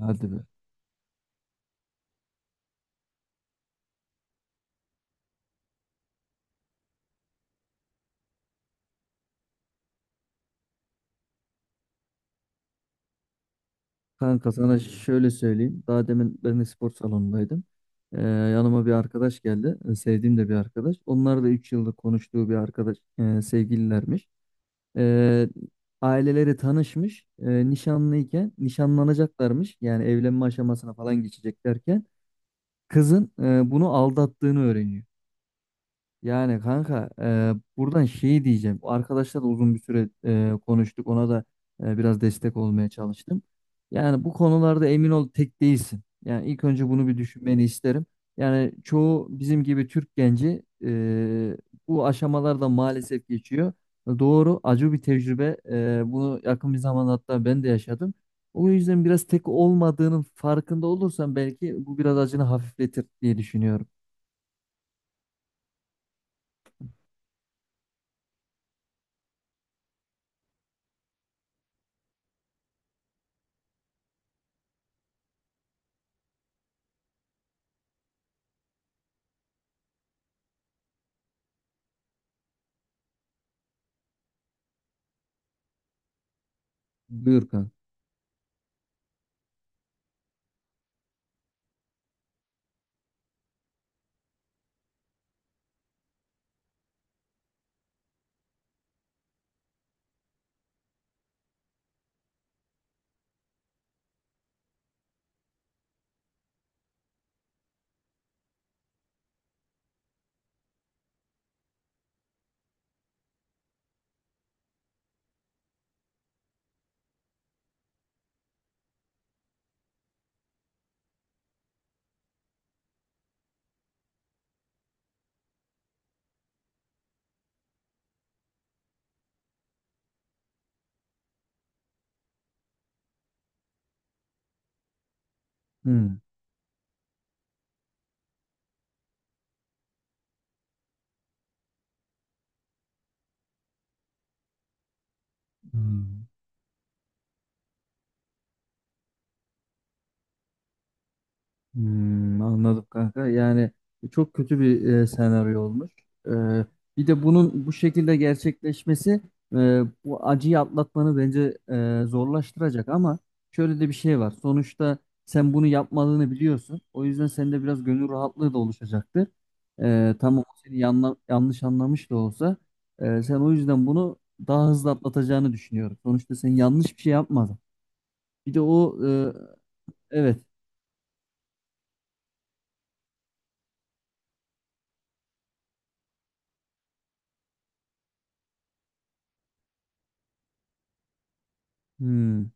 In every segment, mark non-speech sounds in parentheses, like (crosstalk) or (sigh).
Hadi be. Kanka sana şöyle söyleyeyim. Daha demin ben de spor salonundaydım. Yanıma bir arkadaş geldi. Sevdiğim de bir arkadaş. Onlar da 3 yıldır konuştuğu bir arkadaş sevgililermiş. Ee, Aileleri tanışmış. Nişanlıyken nişanlanacaklarmış. Yani evlenme aşamasına falan geçeceklerken kızın bunu aldattığını öğreniyor. Yani kanka buradan şeyi diyeceğim. Arkadaşla da uzun bir süre konuştuk. Ona da biraz destek olmaya çalıştım. Yani bu konularda emin ol tek değilsin. Yani ilk önce bunu bir düşünmeni isterim. Yani çoğu bizim gibi Türk genci bu aşamalarda maalesef geçiyor. Doğru, acı bir tecrübe. Bunu yakın bir zaman hatta ben de yaşadım. O yüzden biraz tek olmadığının farkında olursan belki bu biraz acını hafifletir diye düşünüyorum. Buyur kanka. Hmm. Hmm. Hmm, anladım kanka. Yani çok kötü bir senaryo olmuş. E, Bir de bunun bu şekilde gerçekleşmesi bu acıyı atlatmanı bence zorlaştıracak ama şöyle de bir şey var. Sonuçta sen bunu yapmadığını biliyorsun. O yüzden sende biraz gönül rahatlığı da oluşacaktır. Tamam, o seni yanlış anlamış da olsa sen o yüzden bunu daha hızlı atlatacağını düşünüyorum. Sonuçta sen yanlış bir şey yapmadın. Bir de o evet. Hmm,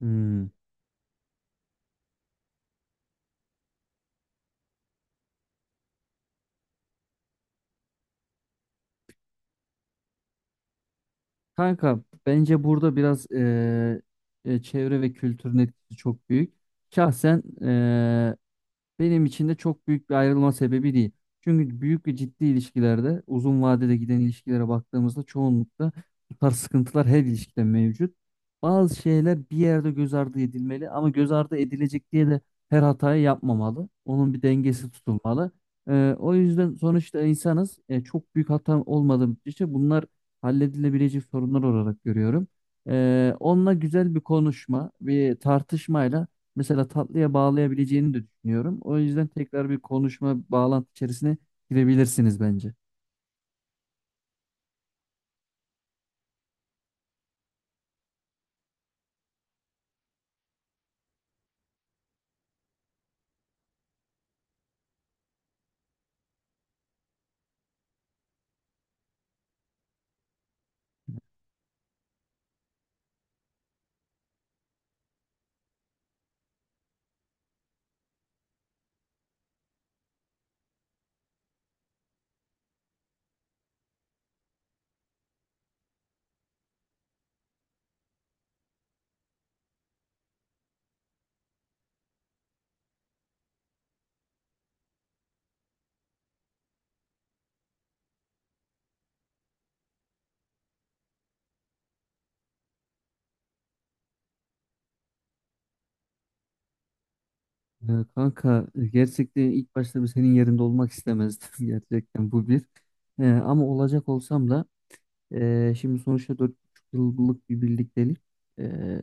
hmm. Kanka bence burada biraz çevre ve kültürün etkisi çok büyük. Şahsen benim için de çok büyük bir ayrılma sebebi değil. Çünkü büyük ve ciddi ilişkilerde, uzun vadede giden ilişkilere baktığımızda çoğunlukla bu tarz sıkıntılar her ilişkide mevcut. Bazı şeyler bir yerde göz ardı edilmeli ama göz ardı edilecek diye de her hatayı yapmamalı. Onun bir dengesi tutulmalı. O yüzden sonuçta insanız. Çok büyük hata olmadığı müddetçe bunlar halledilebilecek sorunlar olarak görüyorum. Onunla güzel bir konuşma, bir tartışmayla mesela tatlıya bağlayabileceğini de düşünüyorum. O yüzden tekrar bir konuşma bağlantı içerisine girebilirsiniz bence. Ya kanka gerçekten ilk başta bir senin yerinde olmak istemezdim (laughs) gerçekten bu bir. Ama olacak olsam da şimdi sonuçta 4,5 yıllık bir birliktelik ee,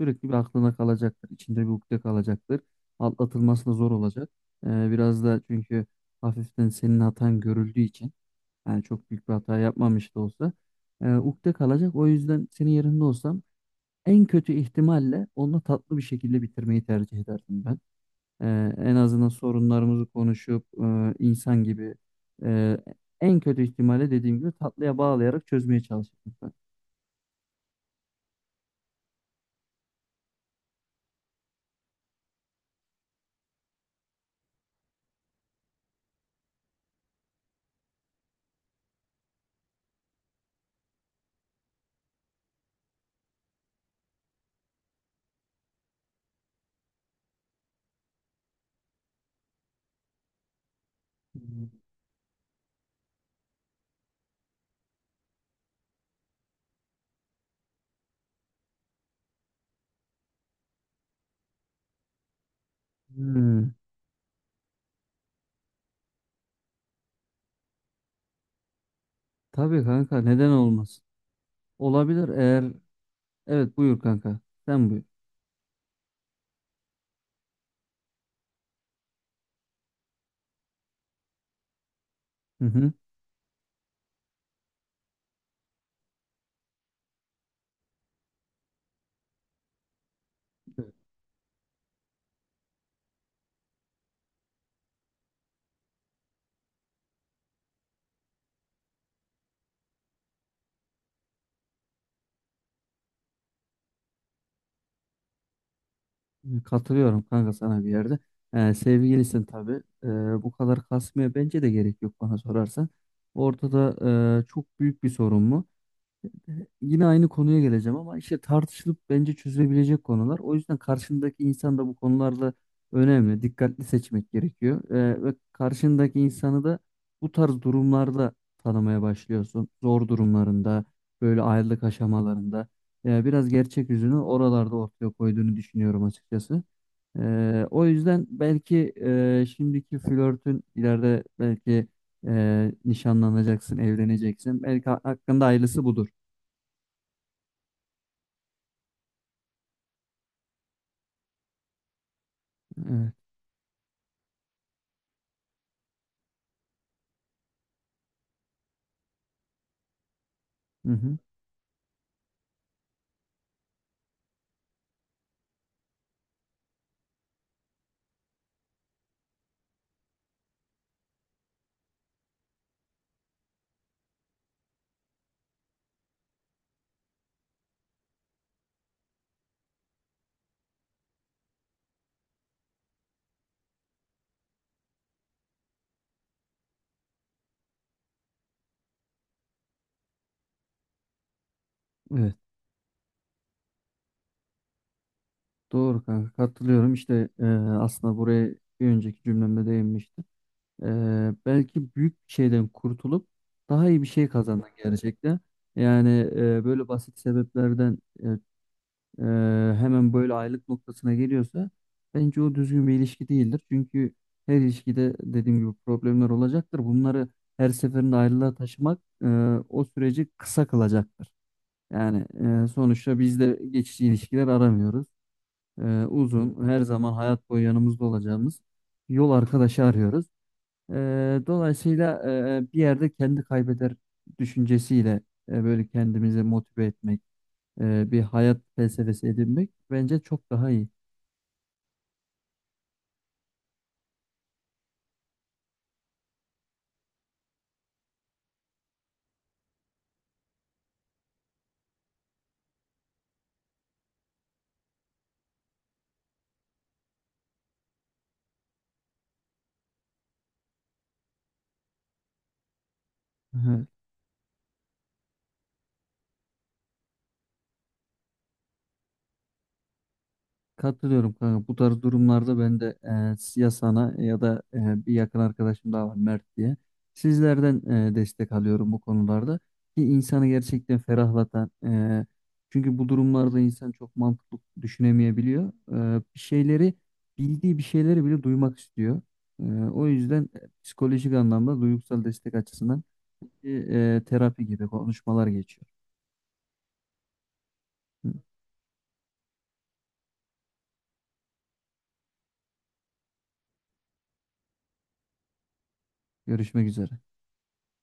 sürekli bir aklına kalacaktır. İçinde bir ukde kalacaktır. Atlatılması da zor olacak. Biraz da çünkü hafiften senin hatan görüldüğü için. Yani çok büyük bir hata yapmamış da olsa. Ukde kalacak. O yüzden senin yerinde olsam en kötü ihtimalle onunla tatlı bir şekilde bitirmeyi tercih ederdim ben. E, En azından sorunlarımızı konuşup insan gibi e, en kötü ihtimalle dediğim gibi tatlıya bağlayarak çözmeye çalışırdım ben. Hmm. Tabii kanka, neden olmaz? Olabilir eğer, evet buyur kanka, sen buyur. Hı hı. Katılıyorum kanka sana bir yerde. Sevgilisin tabii. Bu kadar kasmaya bence de gerek yok bana sorarsan. Ortada çok büyük bir sorun mu? Ee, Yine aynı konuya geleceğim ama işte tartışılıp bence çözülebilecek konular. O yüzden karşındaki insan da bu konularda önemli. Dikkatli seçmek gerekiyor. Ve karşındaki insanı da bu tarz durumlarda tanımaya başlıyorsun. Zor durumlarında, böyle ayrılık aşamalarında. Biraz gerçek yüzünü oralarda ortaya koyduğunu düşünüyorum açıkçası. O yüzden belki şimdiki flörtün ileride belki nişanlanacaksın, evleneceksin. Belki hakkında hayırlısı budur. Evet. Hı hı. Evet. Doğru kanka. Katılıyorum. İşte aslında buraya bir önceki cümlemde değinmiştim. E, Belki büyük bir şeyden kurtulup daha iyi bir şey kazandın gerçekten. Yani böyle basit sebeplerden e, hemen böyle aylık noktasına geliyorsa bence o düzgün bir ilişki değildir. Çünkü her ilişkide dediğim gibi problemler olacaktır. Bunları her seferinde ayrılığa taşımak o süreci kısa kılacaktır. Yani sonuçta biz de geçici ilişkiler aramıyoruz. Uzun, her zaman hayat boyu yanımızda olacağımız yol arkadaşı arıyoruz. E, Dolayısıyla bir yerde kendi kaybeder düşüncesiyle böyle kendimizi motive etmek, bir hayat felsefesi edinmek bence çok daha iyi. Hı. Katılıyorum kanka. Bu tarz durumlarda ben de ya sana ya da bir yakın arkadaşım daha var, Mert diye. Sizlerden destek alıyorum bu konularda. Ki insanı gerçekten ferahlatan. Çünkü bu durumlarda insan çok mantıklı düşünemeyebiliyor. Bir şeyleri bildiği bir şeyleri bile duymak istiyor. E, O yüzden psikolojik anlamda duygusal destek açısından terapi gibi konuşmalar geçiyor. Görüşmek üzere.